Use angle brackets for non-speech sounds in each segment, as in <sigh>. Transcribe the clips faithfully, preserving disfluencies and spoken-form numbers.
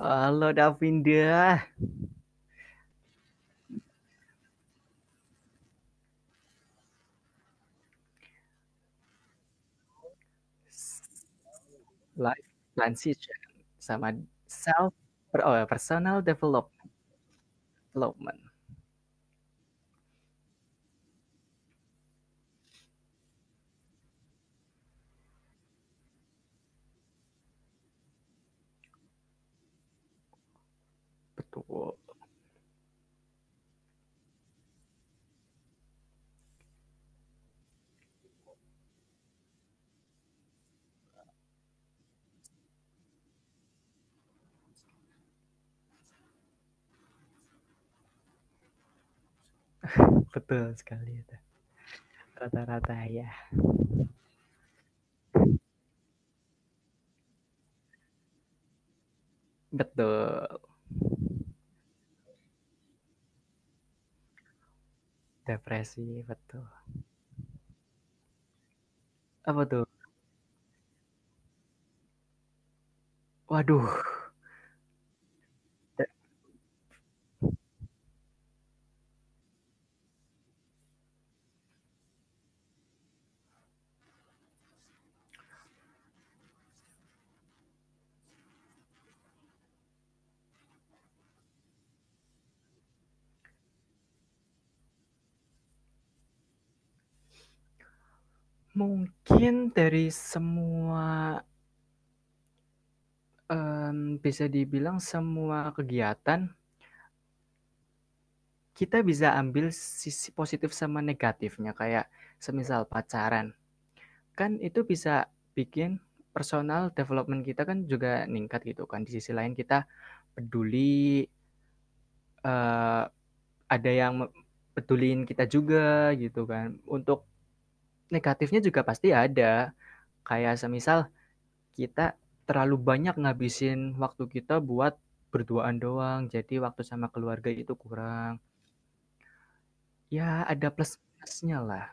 Halo Davinda, life transition sama self per- oh, personal develop- development. Betul, betul sekali itu. Rata-rata ya. Betul. Depresi, betul. Apa tuh? Waduh, da- mungkin dari semua em, bisa dibilang semua kegiatan kita bisa ambil sisi positif sama negatifnya kayak semisal pacaran. Kan itu bisa bikin personal development kita kan juga meningkat gitu kan. Di sisi lain kita peduli, eee, ada yang me peduliin kita juga gitu kan. Untuk negatifnya juga pasti ada. Kayak semisal kita terlalu banyak ngabisin waktu kita buat berduaan doang, jadi waktu sama keluarga itu kurang. Ya ada plus minusnya lah.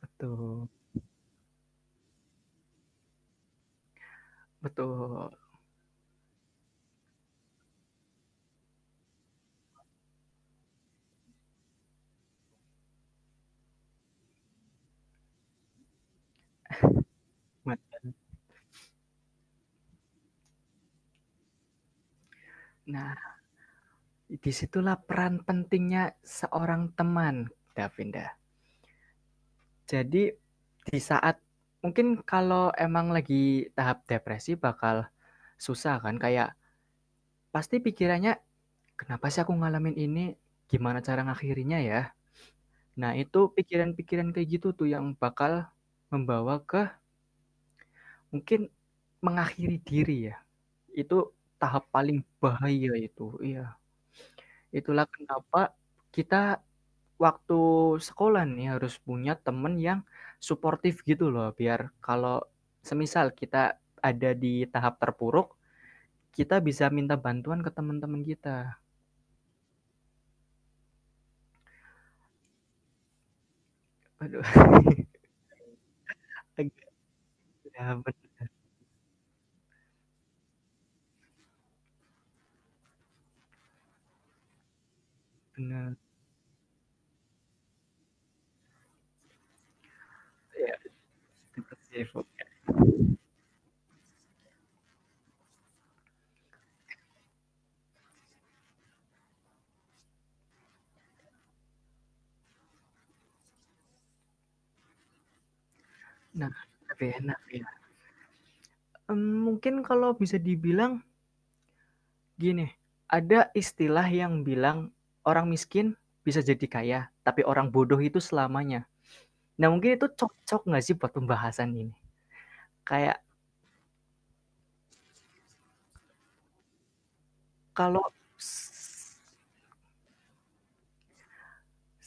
Betul betul. Nah, disitulah peran pentingnya seorang teman, Davinda. Jadi di saat mungkin kalau emang lagi tahap depresi bakal susah kan, kayak pasti pikirannya, "Kenapa sih aku ngalamin ini? Gimana cara ngakhirinya ya?" Nah, itu pikiran-pikiran kayak gitu tuh yang bakal membawa ke mungkin mengakhiri diri ya. Itu tahap paling bahaya itu, iya. Itulah kenapa kita waktu sekolah nih harus punya temen yang suportif gitu loh biar kalau semisal kita ada di tahap terpuruk, kita bisa minta bantuan ke teman-teman kita. Aduh, <laughs> iya bener, iya depresif. Nah, tapi enak ya, mmm, mungkin kalau bisa dibilang gini, ada istilah yang bilang orang miskin bisa jadi kaya, tapi orang bodoh itu selamanya. Nah mungkin itu cocok nggak sih buat pembahasan ini? Kayak kalau s-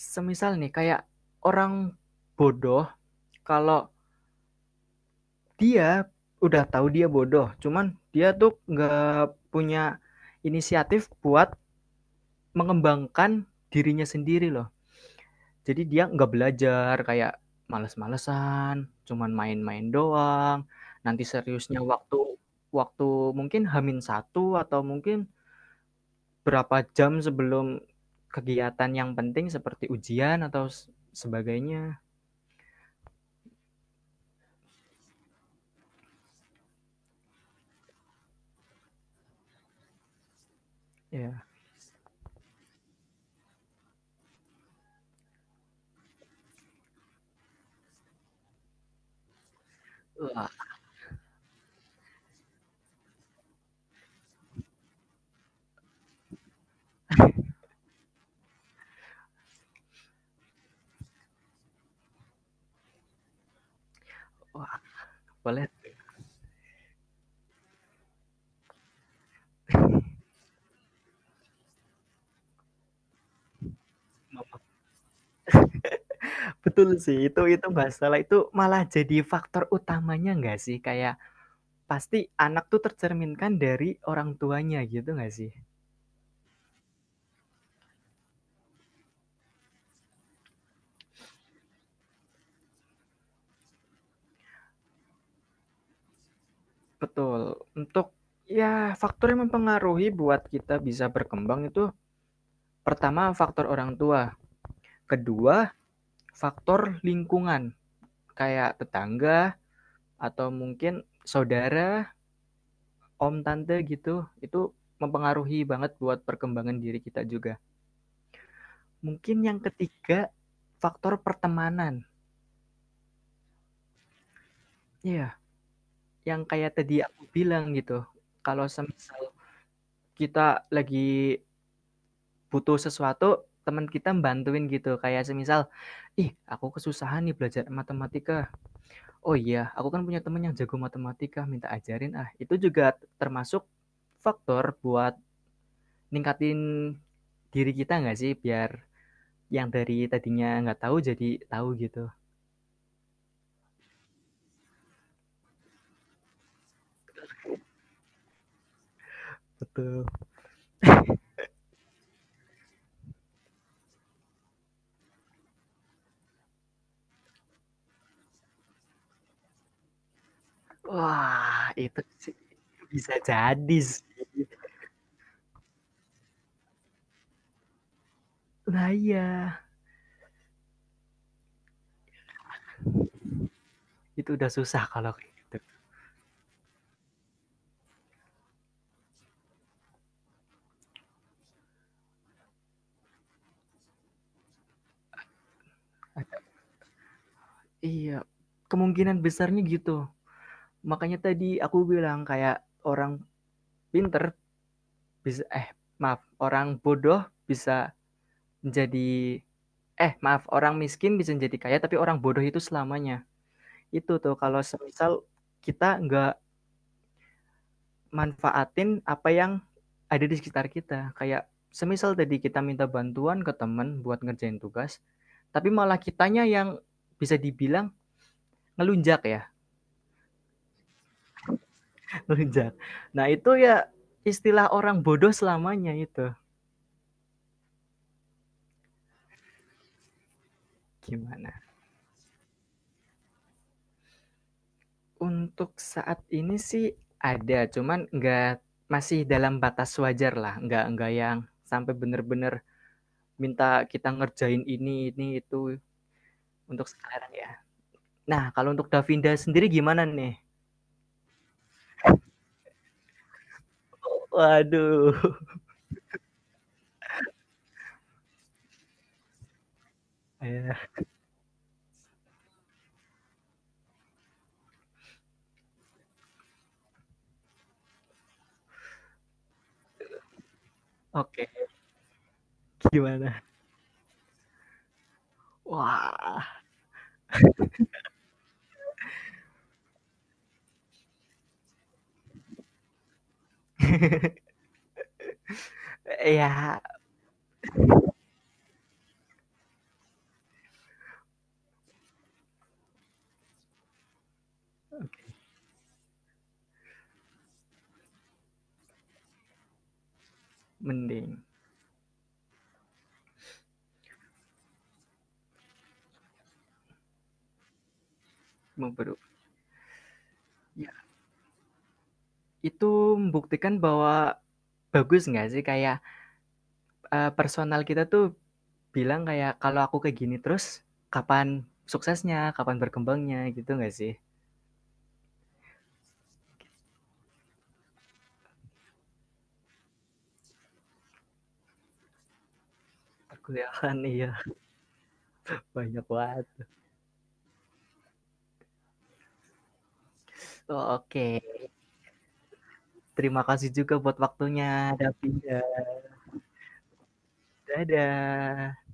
semisal nih kayak orang bodoh, kalau dia udah tahu dia bodoh, cuman dia tuh nggak punya inisiatif buat mengembangkan dirinya sendiri loh. Jadi dia nggak belajar kayak males-malesan, cuman main-main doang. Nanti seriusnya waktu waktu mungkin hamin satu atau mungkin berapa jam sebelum kegiatan yang penting seperti ujian atau s- sebagainya. Ya, wah wah, boleh. Betul sih, itu itu masalah itu malah jadi faktor utamanya nggak sih? Kayak pasti anak tuh tercerminkan dari orang tuanya gitu nggak sih? Betul, untuk ya faktor yang mempengaruhi buat kita bisa berkembang itu pertama faktor orang tua, kedua faktor lingkungan kayak tetangga atau mungkin saudara, om, tante gitu, itu mempengaruhi banget buat perkembangan diri kita juga. Mungkin yang ketiga, faktor pertemanan. Iya, yang kayak tadi aku bilang gitu, kalau semisal kita lagi butuh sesuatu, teman kita bantuin gitu, kayak semisal, "Ih, aku kesusahan nih belajar matematika. Oh iya, aku kan punya teman yang jago matematika, minta ajarin ah." Itu juga termasuk faktor buat ningkatin diri kita nggak sih? Biar yang dari tadinya nggak tahu jadi tahu gitu. Betul. Wah, itu sih bisa jadi sih. Nah iya, itu udah susah kalau kayak gitu. Iya, kemungkinan besarnya gitu. Makanya tadi aku bilang kayak orang pinter bisa eh maaf, orang bodoh bisa menjadi eh maaf, orang miskin bisa menjadi kaya tapi orang bodoh itu selamanya. Itu tuh kalau semisal kita nggak manfaatin apa yang ada di sekitar kita. Kayak semisal tadi kita minta bantuan ke teman buat ngerjain tugas, tapi malah kitanya yang bisa dibilang ngelunjak ya, <laughs> ngelunjak. Nah itu ya istilah orang bodoh selamanya itu. Gimana? Untuk saat ini sih ada, cuman nggak masih dalam batas wajar lah, nggak nggak yang sampai bener-bener minta kita ngerjain ini ini itu untuk sekarang ya. Nah kalau untuk Davinda sendiri gimana nih? Waduh. Ya, oke, okay. Gimana? Wah, ya mending memperuk. Ya, itu membuktikan bahwa bagus nggak sih kayak eh, personal kita tuh bilang kayak kalau aku kayak gini terus kapan suksesnya, kapan berkembangnya gitu nggak sih? Perkuliahan iya banyak banget. Oh, oke, okay. Terima kasih juga buat waktunya, Davina. Dadah.